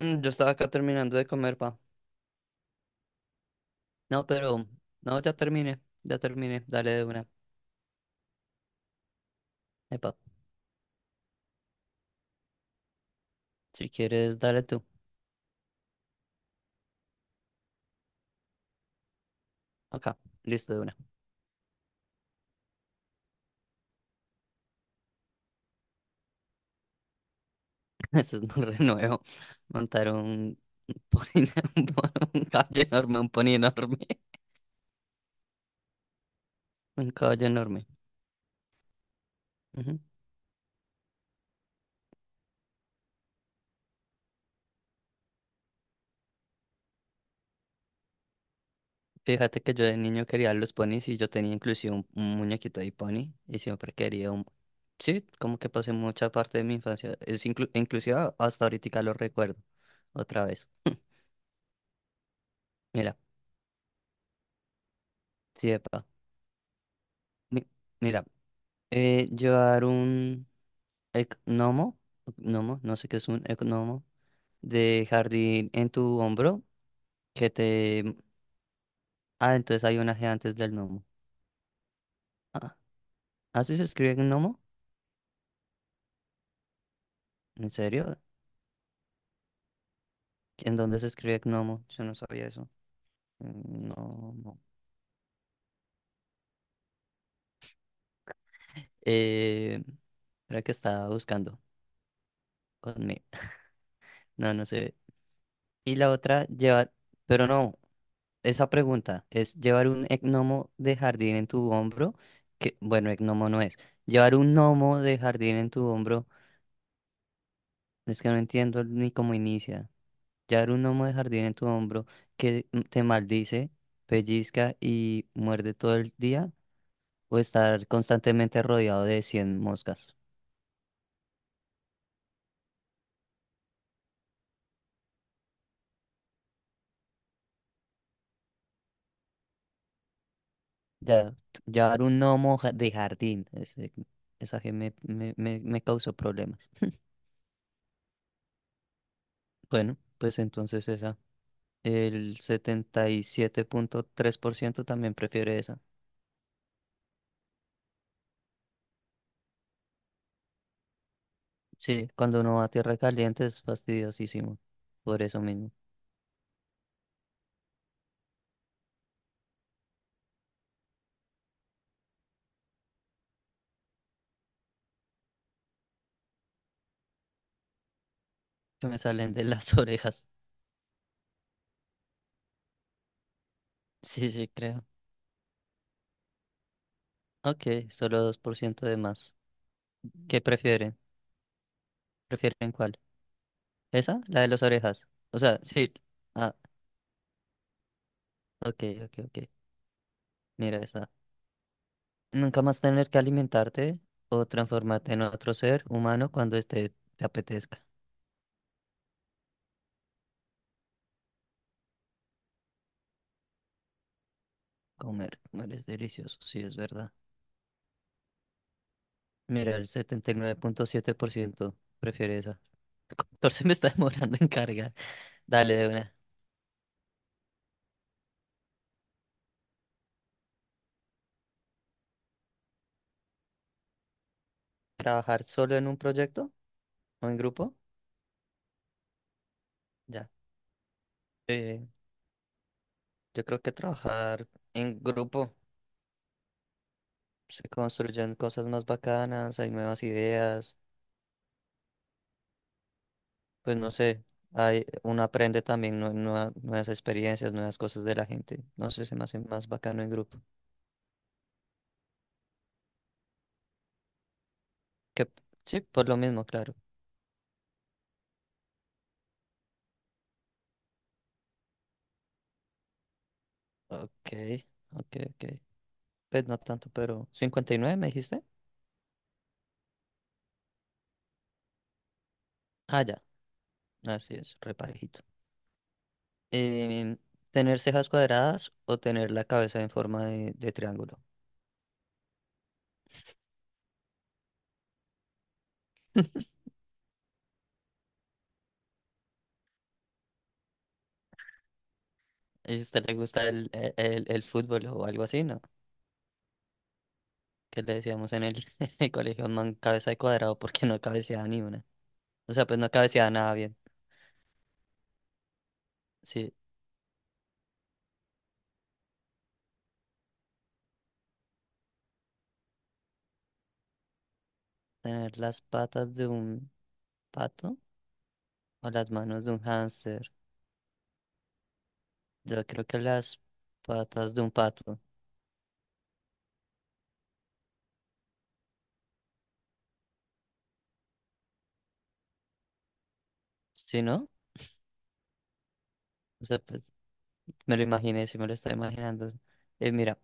Yo estaba acá terminando de comer, pa. No, pero. No, ya terminé. Ya terminé. Dale de una. Epa, si quieres, dale tú. Acá. Listo, de una. Eso es un renuevo. Montar un pony. Un caballo enorme, un pony enorme. Un caballo enorme. Ujú. Fíjate que yo de niño quería los ponis y yo tenía inclusive un muñequito de pony y siempre quería un. Sí, como que pasé mucha parte de mi infancia. Es inclusive hasta ahorita lo recuerdo. Otra vez. Mira, sí, epa. Mi- Mira, llevar un gnomo, gnomo, no sé qué es un gnomo, de jardín en tu hombro, que te. Ah, entonces hay un G antes del gnomo. Ah, ¿así se escribe gnomo? ¿En serio? ¿En dónde se escribe gnomo? Yo no sabía eso. Mm, no, no. Eh, era que estaba buscando. Conmigo. No, no sé. Y la otra, llevar. Pero no. Esa pregunta es llevar un gnomo de jardín en tu hombro, que bueno, gnomo no es. Llevar un gnomo de jardín en tu hombro, es que no entiendo ni cómo inicia. Llevar un gnomo de jardín en tu hombro que te maldice, pellizca y muerde todo el día, o estar constantemente rodeado de 100 moscas. Ya, llevar un gnomo de jardín, esa que me causó problemas. Bueno, pues entonces esa. El 77,3% también prefiere eso. Sí, cuando uno va a tierra caliente es fastidiosísimo. Por eso mismo. Que me salen de las orejas. Sí, sí, creo. Ok, solo 2% de más. ¿Qué prefieren? ¿Prefieren cuál? ¿Esa? La de las orejas. O sea, sí. Ah, ok, ok, ok. Mira esa. Nunca más tener que alimentarte o transformarte en otro ser humano cuando este te apetezca. Comer, comer es delicioso, sí, es verdad. Mira, el 79,7% prefiere esa. El 14 me está demorando en cargar. Dale de una. ¿Trabajar solo en un proyecto o en grupo? Ya. Eh, yo creo que trabajar en grupo se construyen cosas más bacanas, hay nuevas ideas, pues no sé, hay, uno aprende también nuevas experiencias, nuevas cosas de la gente. No sé, se me hace más bacano en grupo. Que, sí, por lo mismo, claro. Ok, ok, ok. Pues no tanto, pero 59 me dijiste. Ah, ya. Así es, reparejito. Eh, ¿tener cejas cuadradas o tener la cabeza en forma de triángulo? ¿Y a usted le gusta el fútbol o algo así, no? Que le decíamos en el, en el colegio, man, cabeza de cuadrado porque no cabeceaba ni una. O sea, pues no cabeceaba nada bien. Sí, tener las patas de un pato o las manos de un hámster. Yo creo que las patas de un pato. ¿Sí, no? O sea, pues me lo imaginé, sí me lo estoy imaginando. Mira.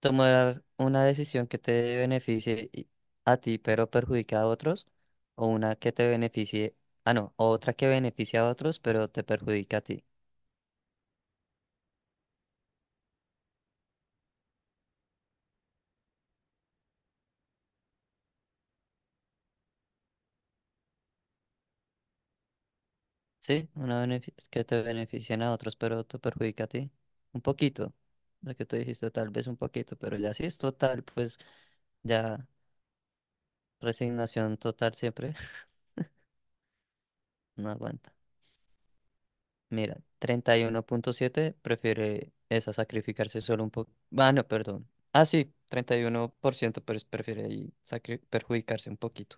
Tomar una decisión que te beneficie a ti, pero perjudica a otros, o una que te beneficie, ah, no, o otra que beneficie a otros, pero te perjudica a ti. Sí, una que te beneficien a otros, pero te perjudica a ti. Un poquito, lo que tú dijiste, tal vez un poquito, pero ya si es total, pues ya resignación total siempre no aguanta. Mira, 31,7 prefiere esa sacrificarse solo un poco. Ah, no, perdón. Ah, sí, 31% prefiere ahí perjudicarse un poquito.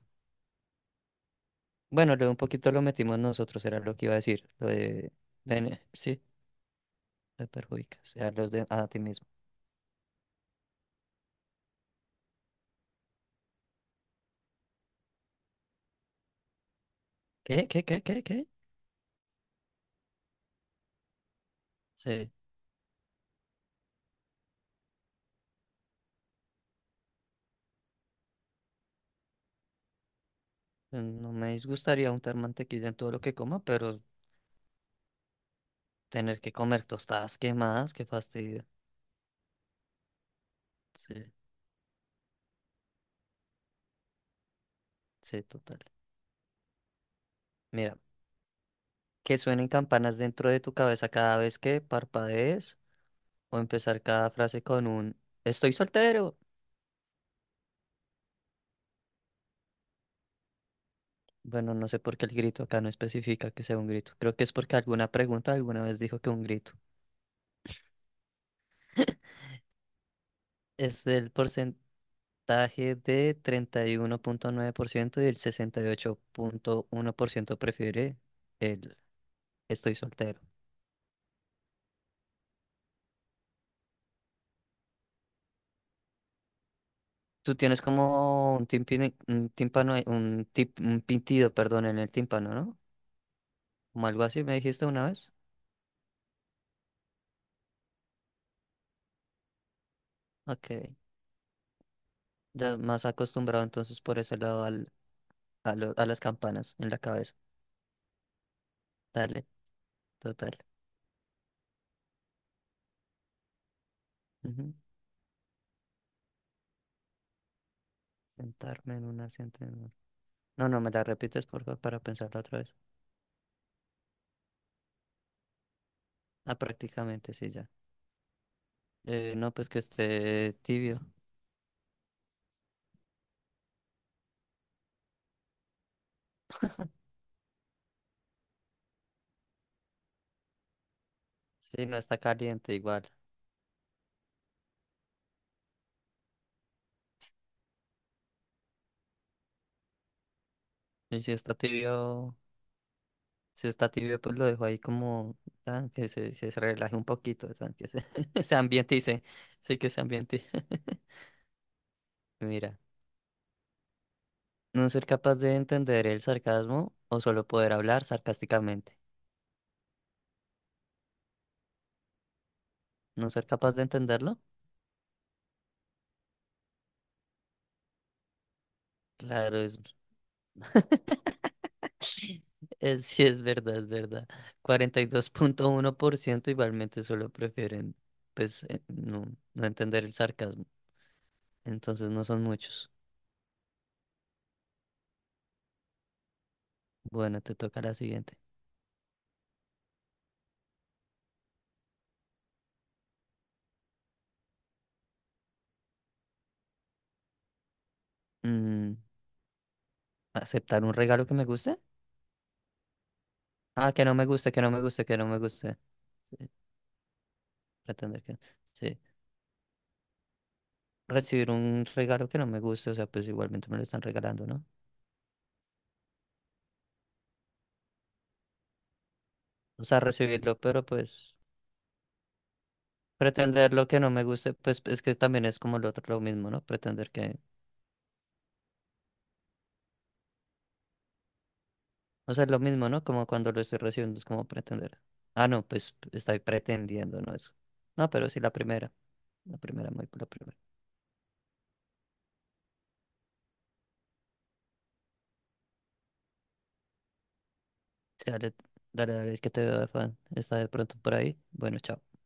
Bueno, lo un poquito lo metimos nosotros, era lo que iba a decir. Lo de, sí, te perjudicas a los de, a ti mismo. ¿Qué? Sí, no me disgustaría untar mantequilla en todo lo que coma, pero tener que comer tostadas quemadas, qué fastidio. Sí, sí, total. Mira, que suenen campanas dentro de tu cabeza cada vez que parpadees o empezar cada frase con un estoy soltero. Bueno, no sé por qué el grito acá no especifica que sea un grito. Creo que es porque alguna pregunta alguna vez dijo que un grito. Es del porcentaje de 31,9% y el 68,1% prefiere el estoy soltero. Tú tienes como un un tímpano, un pintido, perdón, en el tímpano, ¿no? Como algo así me dijiste una vez. Ok. Ya más acostumbrado entonces por ese lado al, a las campanas en la cabeza. Dale, total. Ujú. Sentarme en un asiento. En un. No, no, me la repites por favor para pensarla otra vez. Ah, prácticamente sí, ya. No, pues que esté tibio. Sí, no está caliente igual. Y si está tibio, si está tibio, pues lo dejo ahí como tan que se relaje un poquito, tan que se, se ambiente se, sí que se ambiente. Mira. No ser capaz de entender el sarcasmo o solo poder hablar sarcásticamente. No ser capaz de entenderlo. Claro, es, es sí es verdad, es verdad. 42,1% igualmente solo prefieren, pues, no entender el sarcasmo. Entonces no son muchos. Bueno, te toca la siguiente. Mm, ¿aceptar un regalo que me guste? Ah, que no me guste, que no me guste, que no me guste. Sí, pretender que. Sí. Recibir un regalo que no me guste, o sea, pues igualmente me lo están regalando, ¿no? O sea, recibirlo, pero pues pretender lo que no me guste, pues es que también es como lo otro, lo mismo, ¿no? Pretender que, o sea, es lo mismo, ¿no? Como cuando lo estoy recibiendo, es como pretender. Ah, no, pues estoy pretendiendo, ¿no? Eso. No, pero sí la primera, muy la primera. Sí, dale, dale, dale, que te veo de fan. Está de pronto por ahí. Bueno, chao.